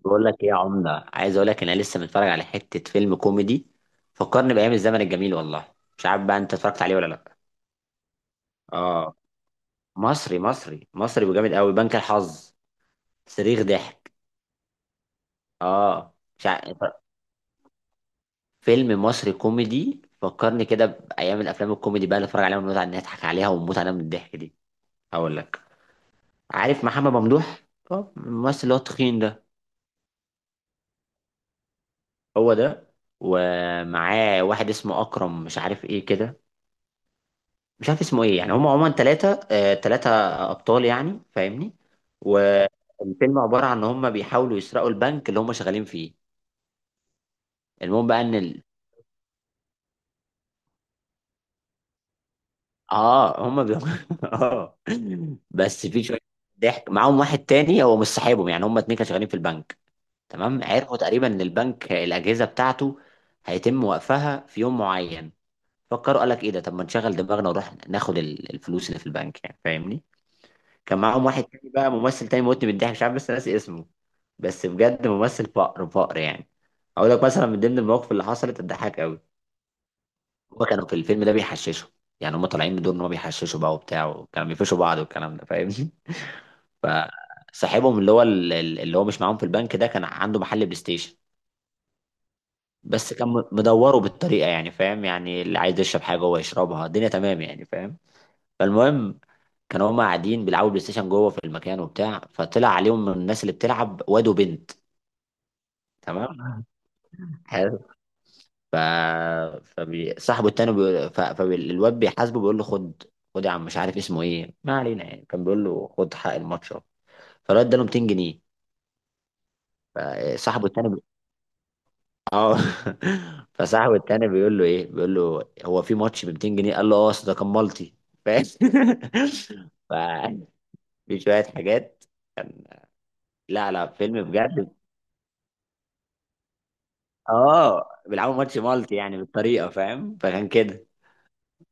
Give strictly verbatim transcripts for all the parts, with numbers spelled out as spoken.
بقول لك ايه يا عمده، عايز اقول لك انا لسه متفرج على حته فيلم كوميدي فكرني بايام الزمن الجميل. والله مش عارف بقى انت اتفرجت عليه ولا لا. اه، مصري مصري مصري وجامد قوي، بنك الحظ. صريخ ضحك. اه مش عارف، فيلم مصري كوميدي فكرني كده بايام الافلام الكوميدي بقى اللي اتفرج عليها ونقعد نضحك عليها ونموت عليها من الضحك دي. هقول لك، عارف محمد ممدوح؟ اه الممثل اللي هو التخين ده. هو ده. ومعاه واحد اسمه اكرم مش عارف ايه كده، مش عارف اسمه ايه، يعني هم عموما ثلاثة. ثلاثة ابطال يعني، فاهمني؟ والفيلم عبارة عن ان هم بيحاولوا يسرقوا البنك اللي هم شغالين فيه. المهم بقى ان ال... اه هم بي... اه بس في شوية ضحك. معاهم واحد تاني هو مش صاحبهم، يعني هم اتنين كانوا شغالين في البنك. تمام، عرفوا تقريبا ان البنك الاجهزة بتاعته هيتم وقفها في يوم معين. فكروا، قال لك ايه ده، طب ما نشغل دماغنا ونروح ناخد ال- الفلوس اللي في البنك يعني، فاهمني؟ كان معاهم واحد تاني بقى ممثل تاني موتني بالضحك، مش عارف بس ناسي اسمه. بس بجد ممثل فقر فقر يعني. اقول لك مثلا من ضمن المواقف اللي حصلت تضحك قوي. هما كانوا في الفيلم ده بيحششوا، يعني هما طالعين بدور ان هما بيحششوا بقى وبتاع، وكانوا بيفشوا بعض والكلام ده، فاهمني؟ فصاحبهم اللي هو ال- ال- اللي هو مش معاهم في البنك ده كان عنده محل بلاي ستيشن، بس كان مدوره بالطريقه، يعني فاهم؟ يعني اللي عايز يشرب حاجه هو يشربها، الدنيا تمام يعني، فاهم؟ فالمهم كانوا هما قاعدين بيلعبوا بلاي ستيشن جوه في المكان وبتاع، فطلع عليهم من الناس اللي بتلعب واد وبنت. تمام، حلو. ف فبي... صاحبه التاني بيقول... ف... فالواد بيحاسبه بيقول له خد، خد يا عم مش عارف اسمه ايه، ما علينا، يعني كان بيقول له خد حق الماتش أهو. فالواد اداله مئتين جنيه. فصاحبه التاني بي... اه فصاحبه التاني بيقول له ايه، بيقول له هو في ماتش ب مئتين جنيه؟ قال له اه أصل ده كان مالتي، فاهم؟ ف- في شويه حاجات، لا لا فيلم بجد. اه بيلعبوا ماتش مالتي يعني بالطريقه، فاهم؟ فكان كده.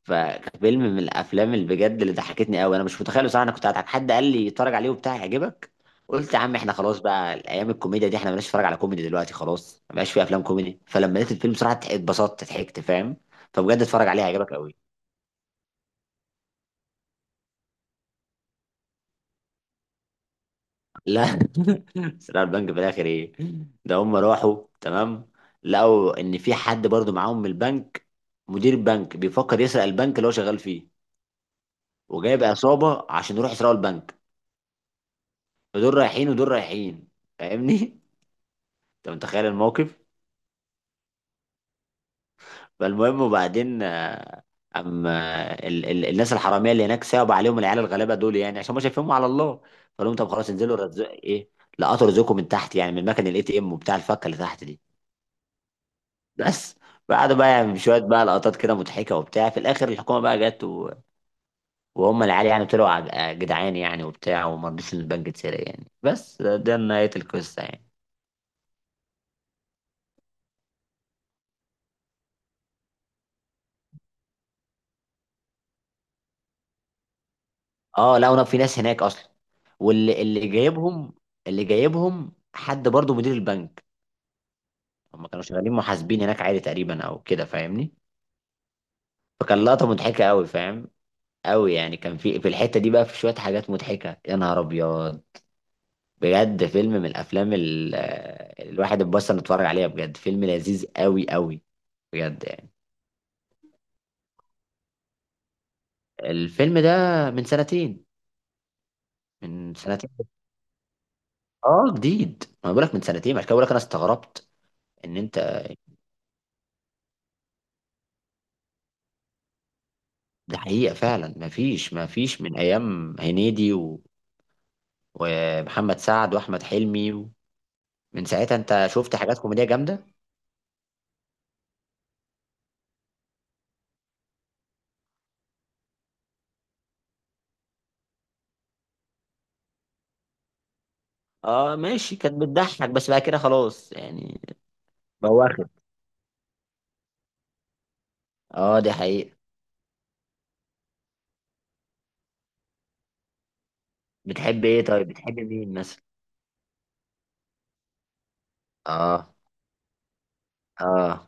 ففيلم من الافلام اللي بجد اللي ضحكتني قوي، انا مش متخيل بصراحه انا كنت هضحك. حد قال لي اتفرج عليه وبتاع هيعجبك، قلت يا عم احنا خلاص بقى، الايام الكوميديا دي احنا مالناش، نتفرج على كوميدي دلوقتي خلاص، ما بقاش في افلام كوميدي. فلما لقيت الفيلم بصراحه اتح- اتبسطت ضحكت، فاهم؟ فبجد اتفرج عليه هيعجبك قوي. لا سرقة البنك في الاخر ايه، ده هم راحوا تمام لقوا ان في حد برضو معاهم من البنك، مدير بنك بيفكر يسرق البنك اللي هو شغال فيه وجايب عصابه عشان يروحوا يسرقوا البنك. فدول رايحين ودول رايحين، فاهمني؟ انت متخيل الموقف؟ فالمهم وبعدين آه، اما ال ال الناس الحراميه اللي هناك صعب عليهم العيال الغلابه دول، يعني عشان ما شايفينهم على الله، فقال لهم طب خلاص انزلوا رزق ايه. لقطوا رزقكم من تحت، يعني من مكان الاي تي ام وبتاع، الفكه اللي تحت دي بس. بعد بقى يعني شويه بقى لقطات كده مضحكه وبتاع، في الاخر الحكومه بقى جت و... وهم العيال يعني طلعوا عج- جدعان يعني وبتاع، وما رضيش ان البنك اتسرق يعني، بس ده ده نهايه القصه يعني. اه لا انا في ناس هناك اصلا، واللي اللي جايبهم، اللي جايبهم حد برضو مدير البنك. هم كانوا شغالين محاسبين هناك عادي تقريبا او كده، فاهمني؟ فكان لقطه مضحكه قوي، فاهم؟ قوي يعني، كان في في الحته دي بقى في شويه حاجات مضحكه يا نهار ابيض. بجد فيلم من الافلام ال- آه، الواحد اتبسط نتفرج عليها، بجد فيلم لذيذ قوي قوي. بجد يعني. الفيلم ده من سنتين. من سنتين، اه جديد. ما بقولك من سنتين عشان كده بقولك انا استغربت ان انت. ده حقيقة فعلا، مفيش مفيش من أيام هنيدي و... ومحمد سعد وأحمد حلمي و... من ساعتها أنت شفت حاجات كوميدية جامدة؟ أه ماشي، كانت بتضحك بس بقى كده خلاص يعني. بواخر. أه دي حقيقة. بتحب إيه طيب؟ بتحب مين مثلا؟ أه. أه.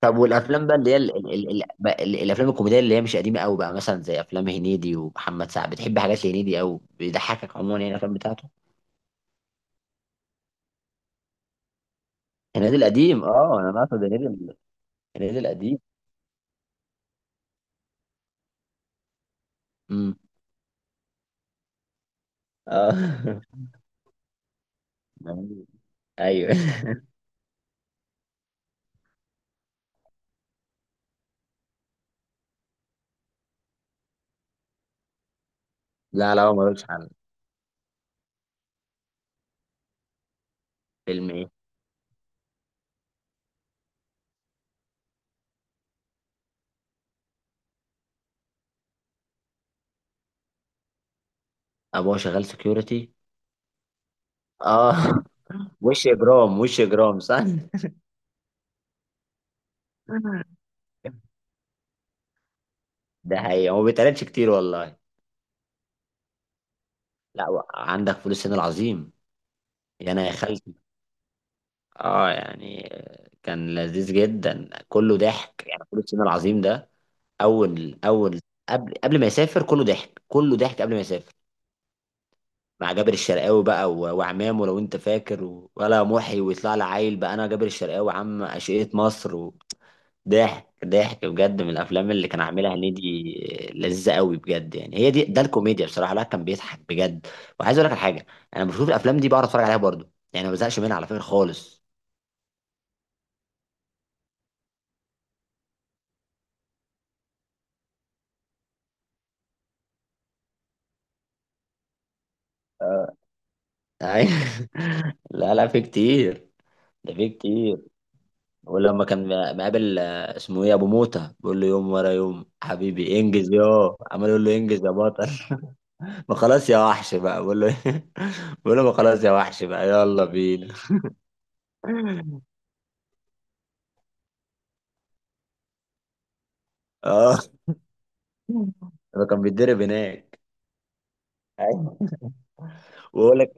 طب والأفلام بقى اللي هي ال... ال... ال... ال... بقى ال- الأفلام الكوميدية اللي هي مش قديمة أوي بقى، مثلا زي أفلام هنيدي ومحمد سعد، بتحب حاجات لهنيدي أوي بيضحكك عموما يعني الأفلام بتاعته؟ هنيدي القديم، أه أنا بقصد هنيدي ال- هنيدي القديم. امم. اه ايوه لا لا هو ملوش حل. فيلم ايه؟ ابوه شغال سكيورتي. اه وش اجرام، وش اجرام صح. ده حقيقي، هو ما بيتقالش كتير والله. لا و- عندك فول الصين العظيم، يا انا يا خالتي. اه يعني آه، كان لذيذ جدا كله ضحك يعني، فول الصين العظيم ده. اول اول قبل، قبل ما يسافر كله ضحك، كله ضحك قبل ما يسافر، مع جابر الشرقاوي بقى و- وعمامه لو انت فاكر و- ولا محي ويطلع لي عيل بقى انا جابر الشرقاوي عم اشقية مصر. ضحك ضحك بجد، من الافلام اللي كان عاملها هنيدي، لذيذه قوي بجد يعني. هي دي ده الكوميديا بصراحه، لا كان بيضحك بجد. وعايز اقول لك على حاجه، انا بشوف الافلام دي بقعد اتفرج عليها برضو يعني ما بزهقش منها على فكره خالص. أيوة. لا لا في كتير، ده في كتير. ولما كان مقابل آه، اسمه ايه، ابو موته، بيقول له يوم ورا يوم حبيبي انجز يا عمال، يقول له انجز يا بطل. ما خلاص يا وحش بقى، بقول له بقول له ما خلاص يا وحش بقى يلا بينا. اه هو كان بيتدرب هناك. ايوه. ويقول لك،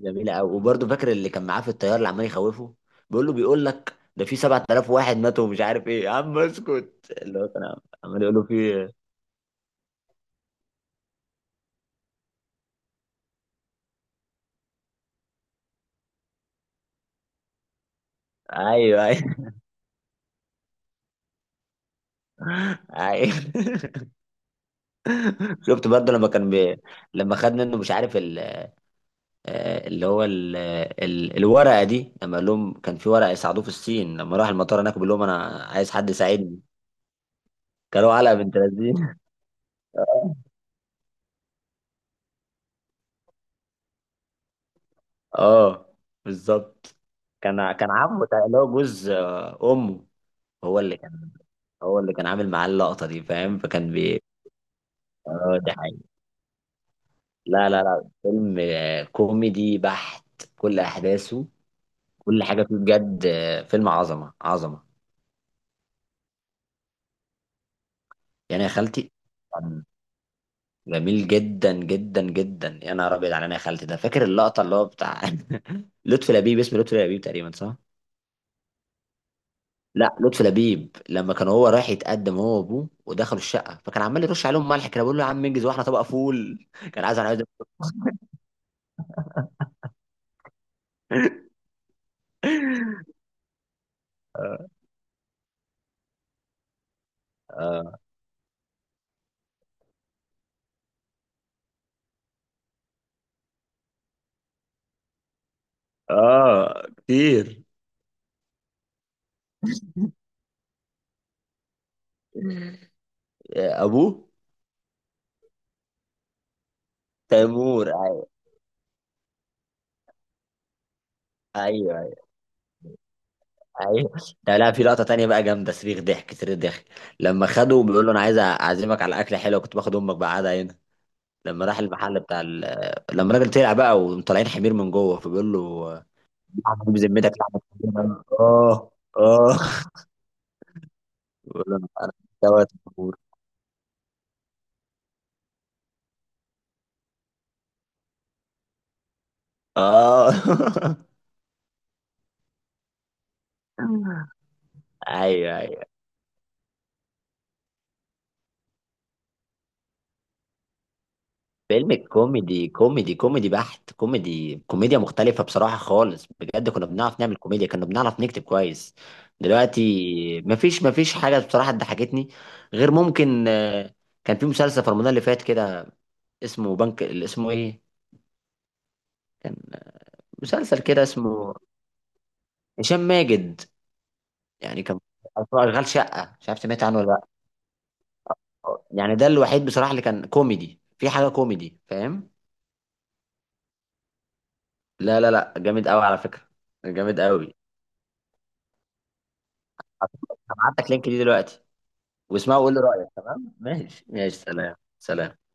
جميله قوي. وبرضه فاكر اللي كان معاه في الطياره اللي عمال يخوفه، بيقول له، بيقول لك ده في سبعة آلاف واحد ماتوا ومش عارف ايه يا عم اسكت. اللي هو كان عمال يقول له في إيه؟ ايوه ايوه. ايوه شفت برضه لما كان بي... لما خد منه مش عارف ال... آه، اللي هو ال... ال... الورقه دي لما قال لهم، كان في ورقه يساعدوه في الصين، لما راح المطار هناك بيقول لهم انا عايز حد يساعدني. كانوا علقه بنت لذينه. اه بالظبط. كان ع- كان عمه تق- اللي هو جوز آه، امه هو اللي كان، هو اللي كان عامل معاه اللقطه دي، فاهم؟ فكان بي. اه دي حقيقة. لا لا لا فيلم آه، كوميدي بحت، كل احداثه، كل حاجه فيه بجد آه، فيلم عظمه عظمه يعني. يا خالتي كان جميل جدا جدا جدا، يا نهار ابيض على انا يا خالتي ده. فاكر اللقطه اللي هو بتاع لطفي لبيب، اسمه لطفي لبيب تقريبا صح؟ لا لطفي لبيب، لما كان هو رايح يتقدم هو وابوه ودخلوا الشقه، فكان عمال يرش عليهم ملح كده بيقول له يا عم انجز واحنا طبق فول. كان عايز، انا عايز. اه. اه. آه، كتير. ابوه تيمور. ايوه ايوه. ده لا في لقطه تانية بقى جامده صريخ ضحك صريخ ضحك. لما خده بيقول له انا عايز اعزمك على اكله حلوه كنت باخد امك بقى قاعده هنا، لما راح المحل بتاع ال... لما الراجل طلع بقى وطالعين حمير من جوه، فبيقول له لحمه دي بذمتك، لحمه دي بذمتك؟ اه. اه. بقول له انا أنا دوت مبهور. اه ايوه ايوه. فيلم كوميدي كوميدي كوميدي بحت، كوميدي كوميديا مختلفه بصراحه خالص بجد، كنا بنعرف نعمل كوميديا، كنا بنعرف نكتب كويس. دلوقتي مفيش، مفيش حاجه بصراحه ضحكتني غير ممكن آه، كان في مسلسل في رمضان اللي فات كده اسمه بنك اللي اسمه ايه، كان مسلسل كده اسمه. هشام ماجد. يعني كان، أو اسمه اشغال شقه، مش عارف سمعت عنه ولا لا. يعني ده الوحيد بصراحة اللي كان كوميدي في حاجة كوميدي، فاهم؟ لا لا لا جامد قوي على فكرة، جامد قوي. هبعت لك لينك دي دلوقتي، واسمعه وقول لي رأيك تمام. ماشي ماشي، سلام سلام.